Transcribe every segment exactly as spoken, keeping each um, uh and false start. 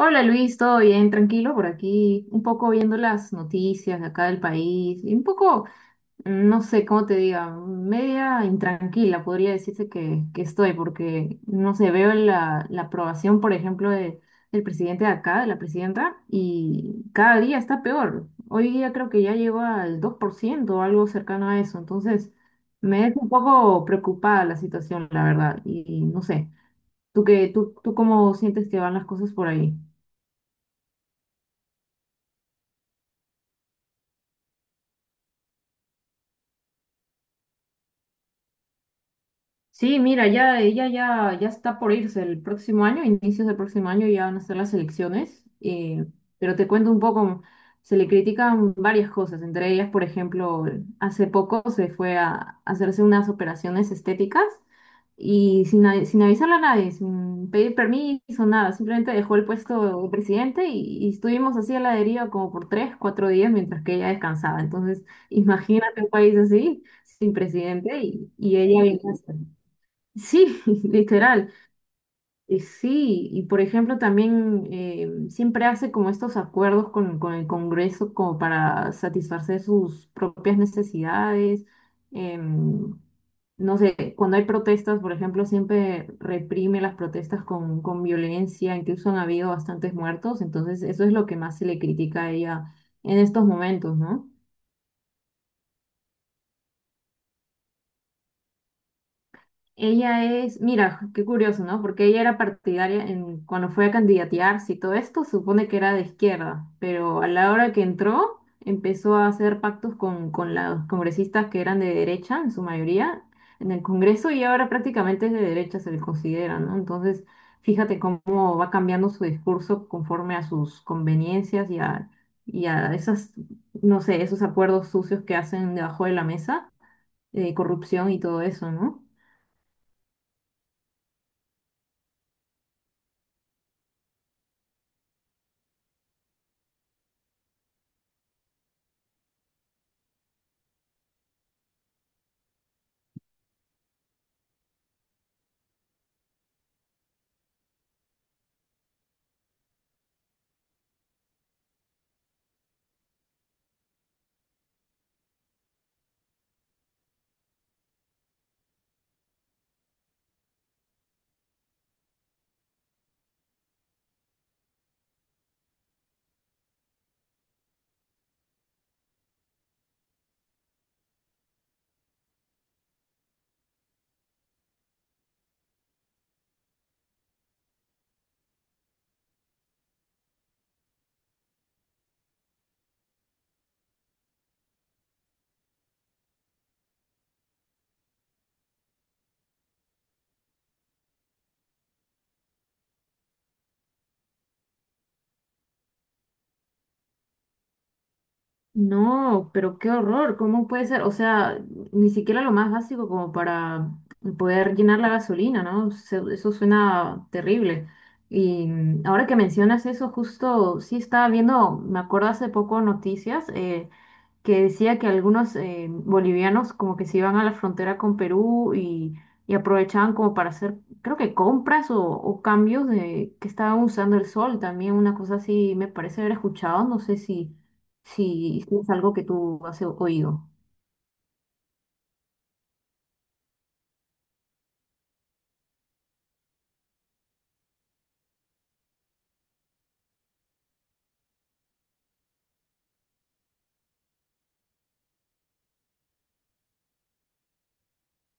Hola Luis, ¿todo bien? Tranquilo por aquí, un poco viendo las noticias de acá del país y un poco, mm, no sé cómo te diga, media intranquila podría decirse que, que estoy porque, no sé, veo la, la aprobación, por ejemplo, de- del presidente de acá, de la presidenta, y cada día está peor. Hoy día creo que ya llegó al dos por ciento o algo cercano a eso, entonces me es un poco preocupada la situación, la verdad, y, y no sé, ¿tú qué, tú, tú cómo sientes que van las cosas por ahí? Sí, mira, ya ella ya, ya está por irse el próximo año, inicios del próximo año ya van a ser las elecciones, eh, pero te cuento un poco, se le critican varias cosas, entre ellas, por ejemplo, hace poco se fue a hacerse unas operaciones estéticas y sin, a- sin avisarle a nadie, sin pedir permiso, nada, simplemente dejó el puesto de presidente y, y estuvimos así a la deriva como por tres, cuatro días mientras que ella descansaba. Entonces, imagínate un país así, sin presidente y, y ella bien. Sí, literal. Eh, Sí, y por ejemplo también eh, siempre hace como estos acuerdos con, con el Congreso como para satisfacer sus propias necesidades. Em, no sé, cuando hay protestas, por ejemplo, siempre reprime las protestas con, con violencia, incluso han habido bastantes muertos, entonces eso es lo que más se le critica a ella en estos momentos, ¿no? Ella es, mira, qué curioso, ¿no? Porque ella era partidaria en, cuando fue a candidatearse y todo esto, supone que era de izquierda, pero a la hora que entró, empezó a hacer pactos con, con los congresistas que eran de derecha, en su mayoría, en el Congreso, y ahora prácticamente es de derecha, se le considera, ¿no? Entonces, fíjate cómo va cambiando su discurso conforme a sus conveniencias y a, y a esas, no sé, esos acuerdos sucios que hacen debajo de la mesa, de corrupción y todo eso, ¿no? No, pero qué horror, ¿cómo puede ser? O sea, ni siquiera lo más básico como para poder llenar la gasolina, ¿no? Se- Eso suena terrible. Y ahora que mencionas eso, justo sí estaba viendo, me acuerdo hace poco noticias, eh, que decía que algunos eh, bolivianos como que se iban a la frontera con Perú y, y aprovechaban como para hacer, creo que compras o, o cambios de que estaban usando el sol también, una cosa así me parece haber escuchado, no sé si, si, si es algo que tú has oído.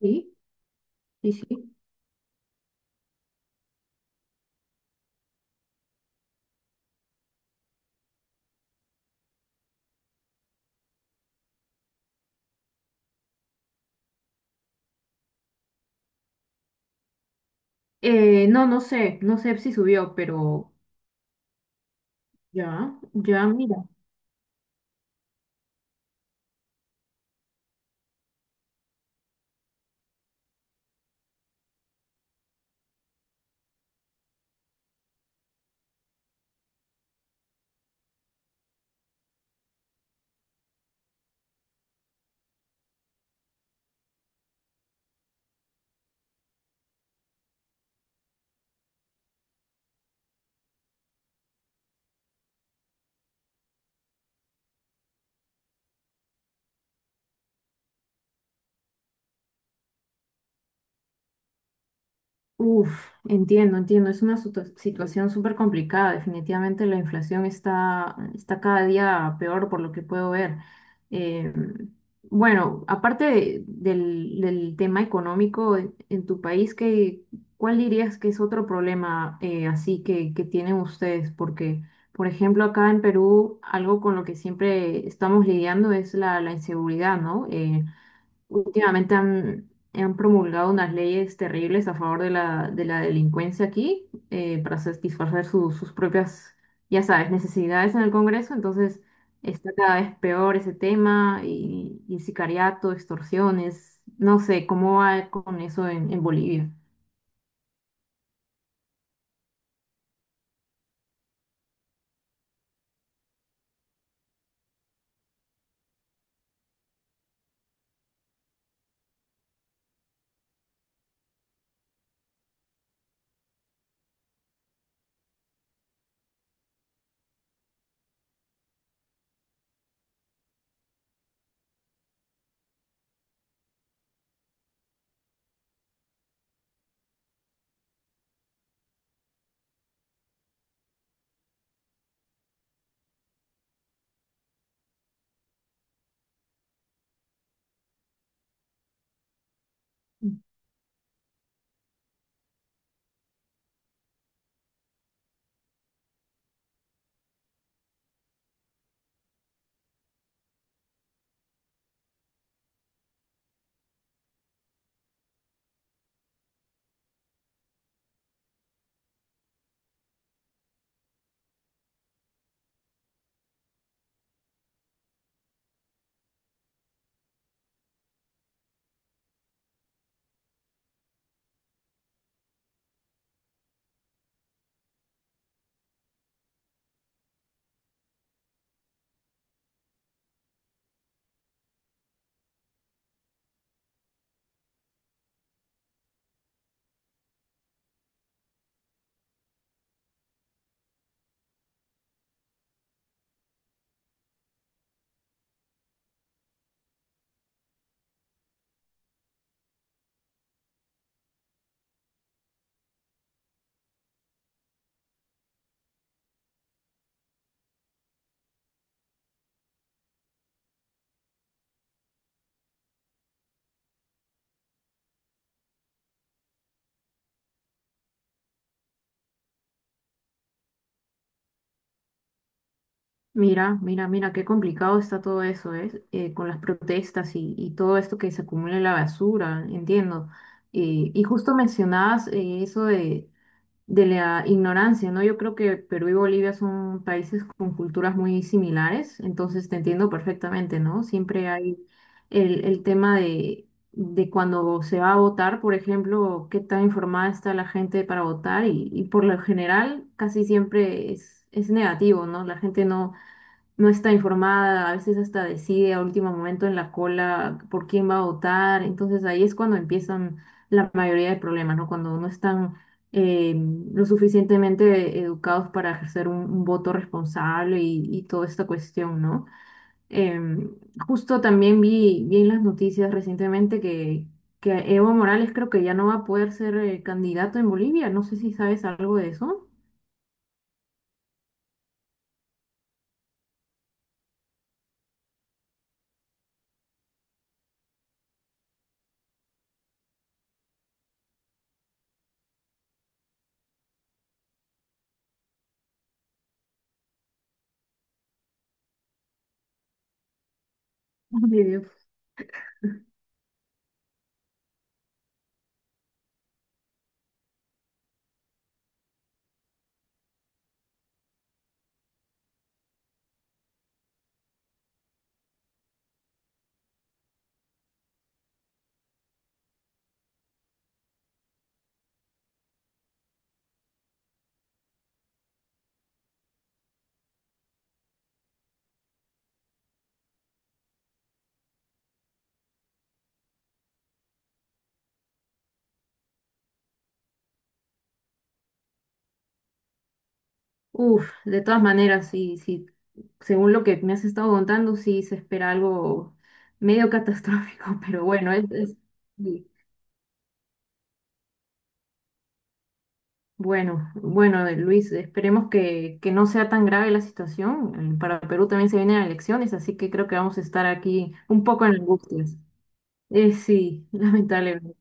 Sí, sí, sí. Eh, no, no sé, no sé si subió, pero ya, ya, mira. Uf, entiendo, entiendo. Es una situ- situación súper complicada. Definitivamente la inflación está, está cada día peor por lo que puedo ver. Eh, bueno, aparte de- del, del tema económico en, en tu país, ¿qué, cuál dirías que es otro problema eh, así que, que tienen ustedes? Porque, por ejemplo, acá en Perú, algo con lo que siempre estamos lidiando es la, la inseguridad, ¿no? Eh, Últimamente han, han promulgado unas leyes terribles a favor de la, de la delincuencia aquí eh, para satisfacer su- sus propias, ya sabes, necesidades en el Congreso. Entonces está cada vez peor ese tema y, y sicariato, extorsiones. No sé cómo va con eso en, en Bolivia. Mira, mira, mira, qué complicado está todo eso, ¿eh? Eh, con las protestas y, y todo esto que se acumula en la basura, entiendo. Eh, y justo mencionabas eh, eso de de la ignorancia, ¿no? Yo creo que Perú y Bolivia son países con culturas muy similares, entonces te entiendo perfectamente, ¿no? Siempre hay el, el tema de, de cuando se va a votar, por ejemplo, qué tan informada está la gente para votar y, y por lo general casi siempre es, es negativo, ¿no? La gente no no está informada, a veces hasta decide a último momento en la cola por quién va a votar. Entonces ahí es cuando empiezan la mayoría de problemas, ¿no? Cuando no están eh, lo suficientemente educados para ejercer un, un voto responsable y, y toda esta cuestión, ¿no? Em, Justo también vi, vi en las noticias recientemente que, que Evo Morales creo que ya no va a poder ser eh, candidato en Bolivia. No sé si sabes algo de eso. Ay, Dios. Uf, de todas maneras, sí, sí, según lo que me has estado contando, sí se espera algo medio catastrófico, pero bueno, es, es- sí. Bueno, bueno, eh, Luis, esperemos que, que no sea tan grave la situación. eh, Para Perú también se vienen elecciones, así que creo que vamos a estar aquí un poco en angustias. Eh, sí, lamentablemente.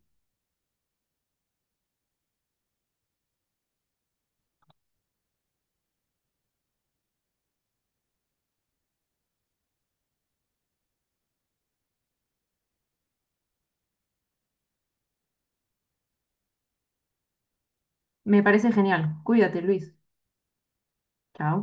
Me parece genial. Cuídate, Luis. Chao.